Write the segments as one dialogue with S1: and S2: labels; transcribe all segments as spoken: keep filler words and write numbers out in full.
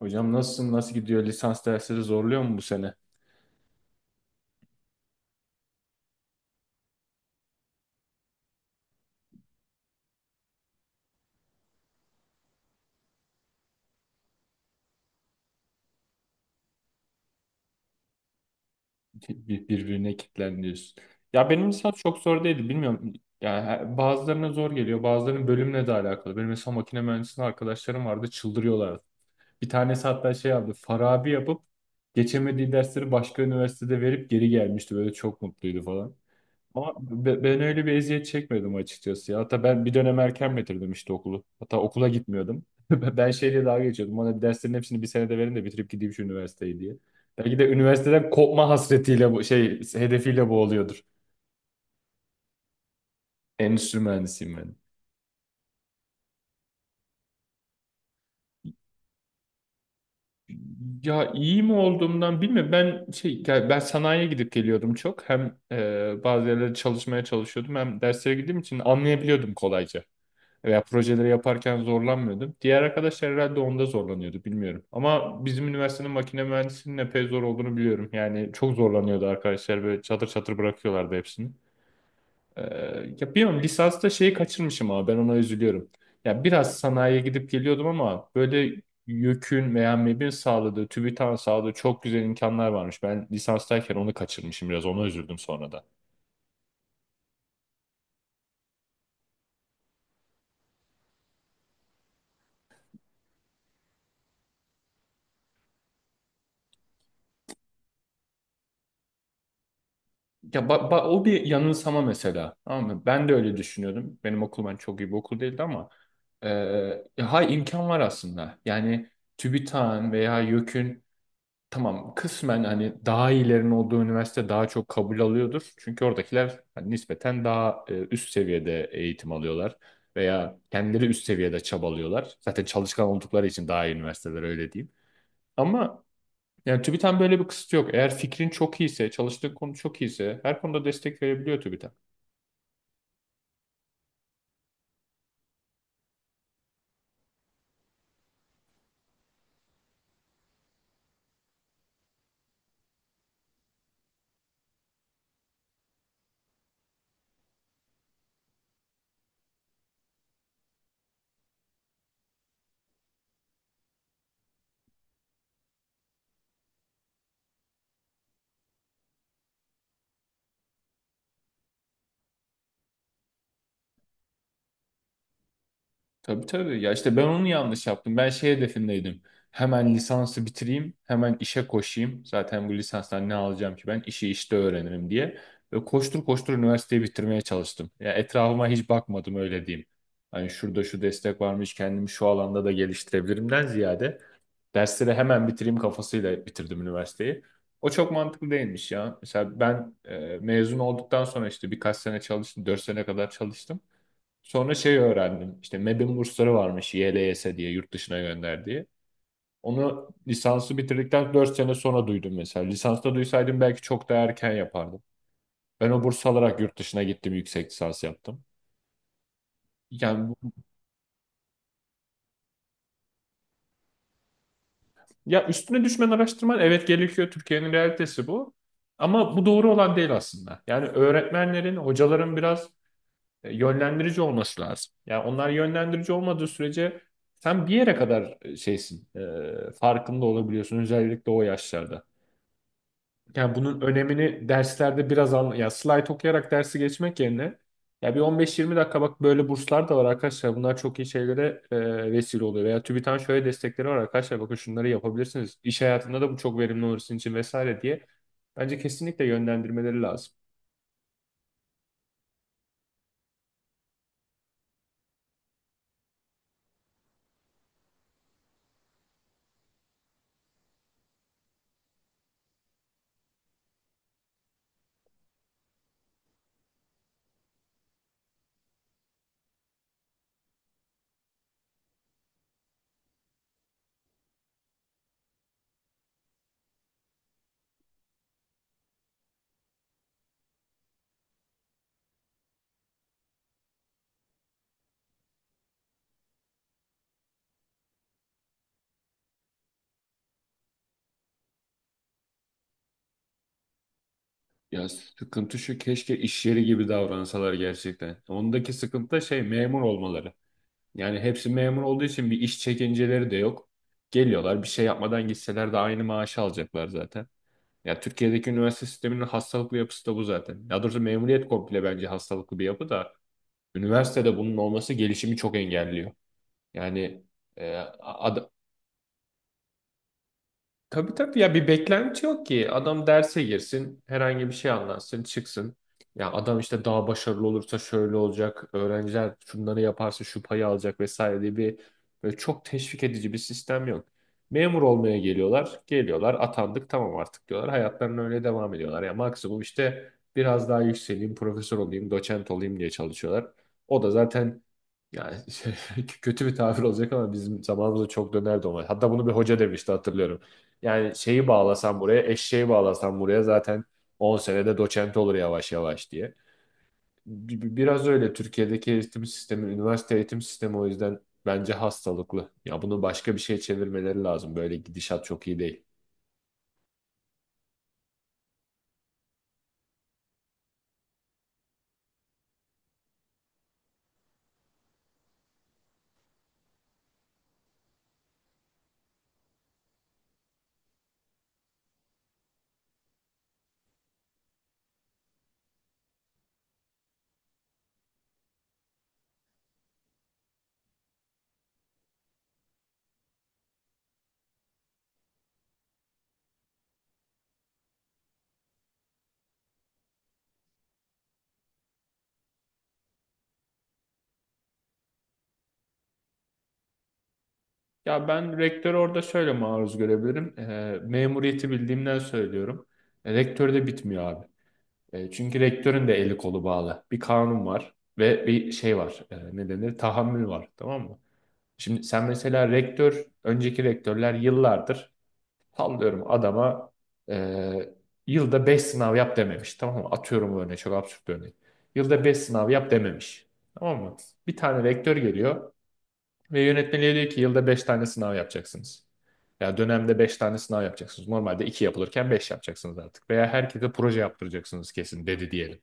S1: Hocam nasılsın? Nasıl gidiyor? Lisans dersleri zorluyor mu bu sene? Bir- Birbirine kilitlen. Ya benim lisans çok zor değildi. Bilmiyorum. Yani her- bazılarına zor geliyor. Bazılarının bölümle de alakalı. Benim mesela makine mühendisliği arkadaşlarım vardı. Çıldırıyorlardı. Bir tanesi hatta şey yaptı. Farabi yapıp geçemediği dersleri başka üniversitede verip geri gelmişti. Böyle çok mutluydu falan. Ama be- ben öyle bir eziyet çekmedim açıkçası ya. Hatta ben bir dönem erken bitirdim işte okulu. Hatta okula gitmiyordum. Ben şeyle dalga geçiyordum. Bana derslerin hepsini bir senede verin de bitirip gideyim şu üniversiteyi diye. Belki de üniversiteden kopma hasretiyle bu şey hedefiyle boğuluyordur. Endüstri mühendisiyim ben. Ya iyi mi olduğumdan bilmiyorum. Ben şey ya ben sanayiye gidip geliyordum çok. Hem e, bazı yerlerde çalışmaya çalışıyordum hem derslere gittiğim için anlayabiliyordum kolayca veya projeleri yaparken zorlanmıyordum. Diğer arkadaşlar herhalde onda zorlanıyordu bilmiyorum. Ama bizim üniversitenin makine mühendisinin epey zor olduğunu biliyorum. Yani çok zorlanıyordu arkadaşlar, böyle çatır çatır bırakıyorlardı hepsini. Ee, ya bilmiyorum lisansta şeyi kaçırmışım ama ben ona üzülüyorum. Ya biraz sanayiye gidip geliyordum ama böyle YÖK'ün veya M E B'in sağladığı, TÜBİTAK'ın sağladığı çok güzel imkanlar varmış. Ben lisanstayken onu kaçırmışım, biraz ona üzüldüm sonra da. Ya ba- ba- o bir yanılsama mesela. Tamam mı? Ben de öyle düşünüyordum. Benim okul, ben çok iyi bir okul değildi ama e, ya hay imkan var aslında. Yani TÜBİTAK'ın veya YÖK'ün tamam kısmen hani daha iyilerin olduğu üniversite daha çok kabul alıyordur. Çünkü oradakiler hani nispeten daha e, üst seviyede eğitim alıyorlar veya kendileri üst seviyede çabalıyorlar. Zaten çalışkan oldukları için daha iyi üniversiteler, öyle diyeyim. Ama yani TÜBİTAK'ın böyle bir kısıtı yok. Eğer fikrin çok iyiyse, çalıştığın konu çok iyiyse her konuda destek verebiliyor TÜBİTAK. Tabii, tabii. Ya işte ben onu yanlış yaptım. Ben şey hedefindeydim. Hemen lisansı bitireyim, hemen işe koşayım. Zaten bu lisanstan ne alacağım ki ben? İşi işte öğrenirim diye. Ve koştur koştur üniversiteyi bitirmeye çalıştım. Ya etrafıma hiç bakmadım, öyle diyeyim. Hani şurada şu destek varmış, kendimi şu alanda da geliştirebilirimden ziyade dersleri hemen bitireyim kafasıyla bitirdim üniversiteyi. O çok mantıklı değilmiş ya. Mesela ben e, mezun olduktan sonra işte birkaç sene çalıştım. Dört sene kadar çalıştım. Sonra şey öğrendim. İşte M E B'in bursları varmış, Y L S diye, yurt dışına gönderdiği. Onu lisansı bitirdikten dört sene sonra duydum mesela. Lisansta duysaydım belki çok daha erken yapardım. Ben o burs alarak yurt dışına gittim, yüksek lisans yaptım. Yani ya üstüne düşmen, araştırman, evet, gerekiyor. Türkiye'nin realitesi bu. Ama bu doğru olan değil aslında. Yani öğretmenlerin, hocaların biraz e, yönlendirici olması lazım. Yani onlar yönlendirici olmadığı sürece sen bir yere kadar e, şeysin, e, farkında olabiliyorsun, özellikle o yaşlarda. Yani bunun önemini derslerde biraz anla. Ya slide okuyarak dersi geçmek yerine ya bir on beş yirmi dakika bak, böyle burslar da var arkadaşlar. Bunlar çok iyi şeylere e, vesile oluyor. Veya TÜBİTAK'ın şöyle destekleri var arkadaşlar. Bakın şunları yapabilirsiniz. İş hayatında da bu çok verimli olur sizin için vesaire diye. Bence kesinlikle yönlendirmeleri lazım. Ya sıkıntı şu, keşke iş yeri gibi davransalar gerçekten. Ondaki sıkıntı da şey, memur olmaları. Yani hepsi memur olduğu için bir iş çekinceleri de yok. Geliyorlar, bir şey yapmadan gitseler de aynı maaşı alacaklar zaten. Ya Türkiye'deki üniversite sisteminin hastalıklı yapısı da bu zaten. Ya doğrusu memuriyet komple bence hastalıklı bir yapı da, üniversitede bunun olması gelişimi çok engelliyor. Yani e, ad- tabii, tabii, ya bir beklenti yok ki. Adam derse girsin, herhangi bir şey anlatsın, çıksın. Ya adam işte daha başarılı olursa şöyle olacak, öğrenciler şunları yaparsa şu payı alacak vesaire diye bir böyle çok teşvik edici bir sistem yok. Memur olmaya geliyorlar, geliyorlar, atandık tamam artık diyorlar. Hayatlarına öyle devam ediyorlar. Ya maksimum işte biraz daha yükseleyim, profesör olayım, doçent olayım diye çalışıyorlar. O da zaten, yani kötü bir tabir olacak ama bizim zamanımızda çok dönerdi ona. Hatta bunu bir hoca demişti, hatırlıyorum. Yani şeyi bağlasan buraya, eşeği bağlasan buraya zaten on senede doçent olur yavaş yavaş diye. Bi- bi- Biraz öyle Türkiye'deki eğitim sistemi, üniversite eğitim sistemi o yüzden bence hastalıklı. Ya bunu başka bir şeye çevirmeleri lazım. Böyle gidişat çok iyi değil. Ya ben rektörü orada şöyle maruz görebilirim. Ee, memuriyeti bildiğimden söylüyorum. E, rektör de bitmiyor abi. E, çünkü rektörün de eli kolu bağlı. Bir kanun var ve bir şey var. E, ne denir? Tahammül var. Tamam mı? Şimdi sen mesela rektör, önceki rektörler yıllardır, sallıyorum adama, e, yılda beş sınav yap dememiş. Tamam mı? Atıyorum bu örneği, çok absürt bir örnek. Yılda beş sınav yap dememiş. Tamam mı? Bir tane rektör geliyor ve yönetmeliğe diyor ki yılda beş tane sınav yapacaksınız. Ya dönemde beş tane sınav yapacaksınız. Normalde iki yapılırken beş yapacaksınız artık. Veya herkese proje yaptıracaksınız kesin dedi diyelim.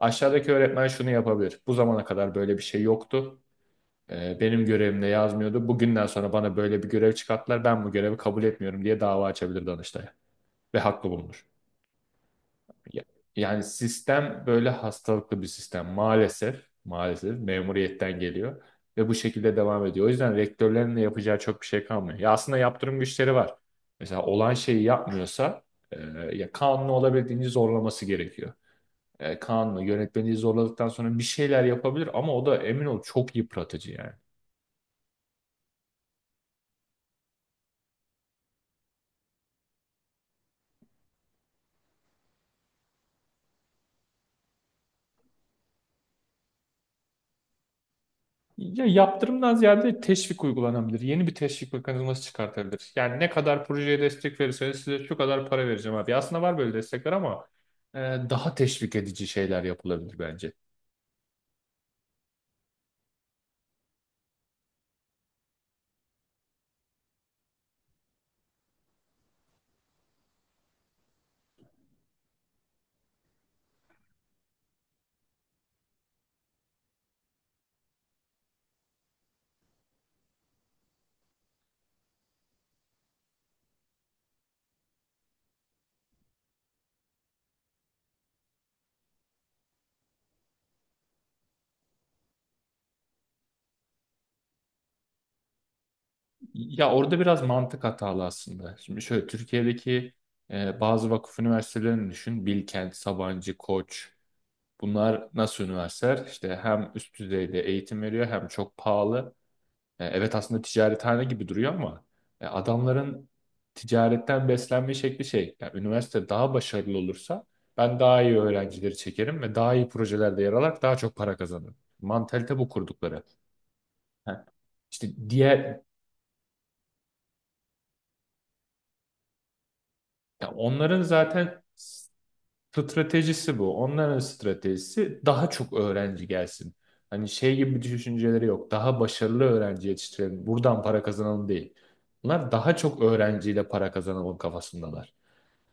S1: Aşağıdaki öğretmen şunu yapabilir. Bu zamana kadar böyle bir şey yoktu. Ee, benim görevimde yazmıyordu. Bugünden sonra bana böyle bir görev çıkarttılar. Ben bu görevi kabul etmiyorum diye dava açabilir Danıştay'a. Ve haklı bulunur. Ya- Yani sistem böyle hastalıklı bir sistem. Maalesef, maalesef memuriyetten geliyor. Ve bu şekilde devam ediyor. O yüzden rektörlerin de yapacağı çok bir şey kalmıyor. Ya aslında yaptırım güçleri var. Mesela olan şeyi yapmıyorsa e, ya kanunu olabildiğince zorlaması gerekiyor. E, kanunu yönetmeliği zorladıktan sonra bir şeyler yapabilir ama o da emin ol çok yıpratıcı yani. Ya yaptırımdan ziyade teşvik uygulanabilir. Yeni bir teşvik mekanizması çıkartabilir. Yani ne kadar projeye destek verirseniz size şu kadar para vereceğim abi. Aslında var böyle destekler ama e, daha teşvik edici şeyler yapılabilir bence. Ya orada biraz mantık hatalı aslında. Şimdi şöyle Türkiye'deki e, bazı vakıf üniversitelerini düşün. Bilkent, Sabancı, Koç. Bunlar nasıl üniversiteler? İşte hem üst düzeyde eğitim veriyor hem çok pahalı. E, Evet aslında ticarethane gibi duruyor ama e, adamların ticaretten beslenme şekli şey. Yani üniversite daha başarılı olursa ben daha iyi öğrencileri çekerim ve daha iyi projelerde yer alarak daha çok para kazanırım. Mantalite bu kurdukları. Ha, İşte diğer, ya onların zaten stratejisi bu. Onların stratejisi daha çok öğrenci gelsin. Hani şey gibi bir düşünceleri yok. Daha başarılı öğrenci yetiştirelim, buradan para kazanalım değil. Bunlar daha çok öğrenciyle para kazanalım kafasındalar.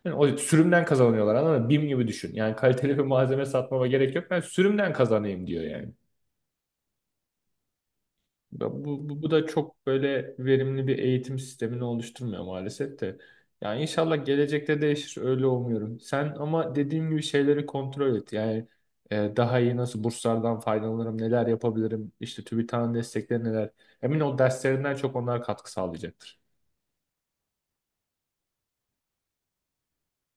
S1: Yani o sürümden kazanıyorlar, anladın mı? BİM gibi düşün. Yani kaliteli bir malzeme satmama gerek yok. Ben sürümden kazanayım diyor yani. Bu, bu, bu da çok böyle verimli bir eğitim sistemini oluşturmuyor maalesef de. Yani inşallah gelecekte değişir, öyle umuyorum. Sen ama dediğim gibi şeyleri kontrol et. Yani e, daha iyi nasıl burslardan faydalanırım, neler yapabilirim, işte TÜBİTAK'ın destekleri neler. Emin ol derslerinden çok onlar katkı sağlayacaktır.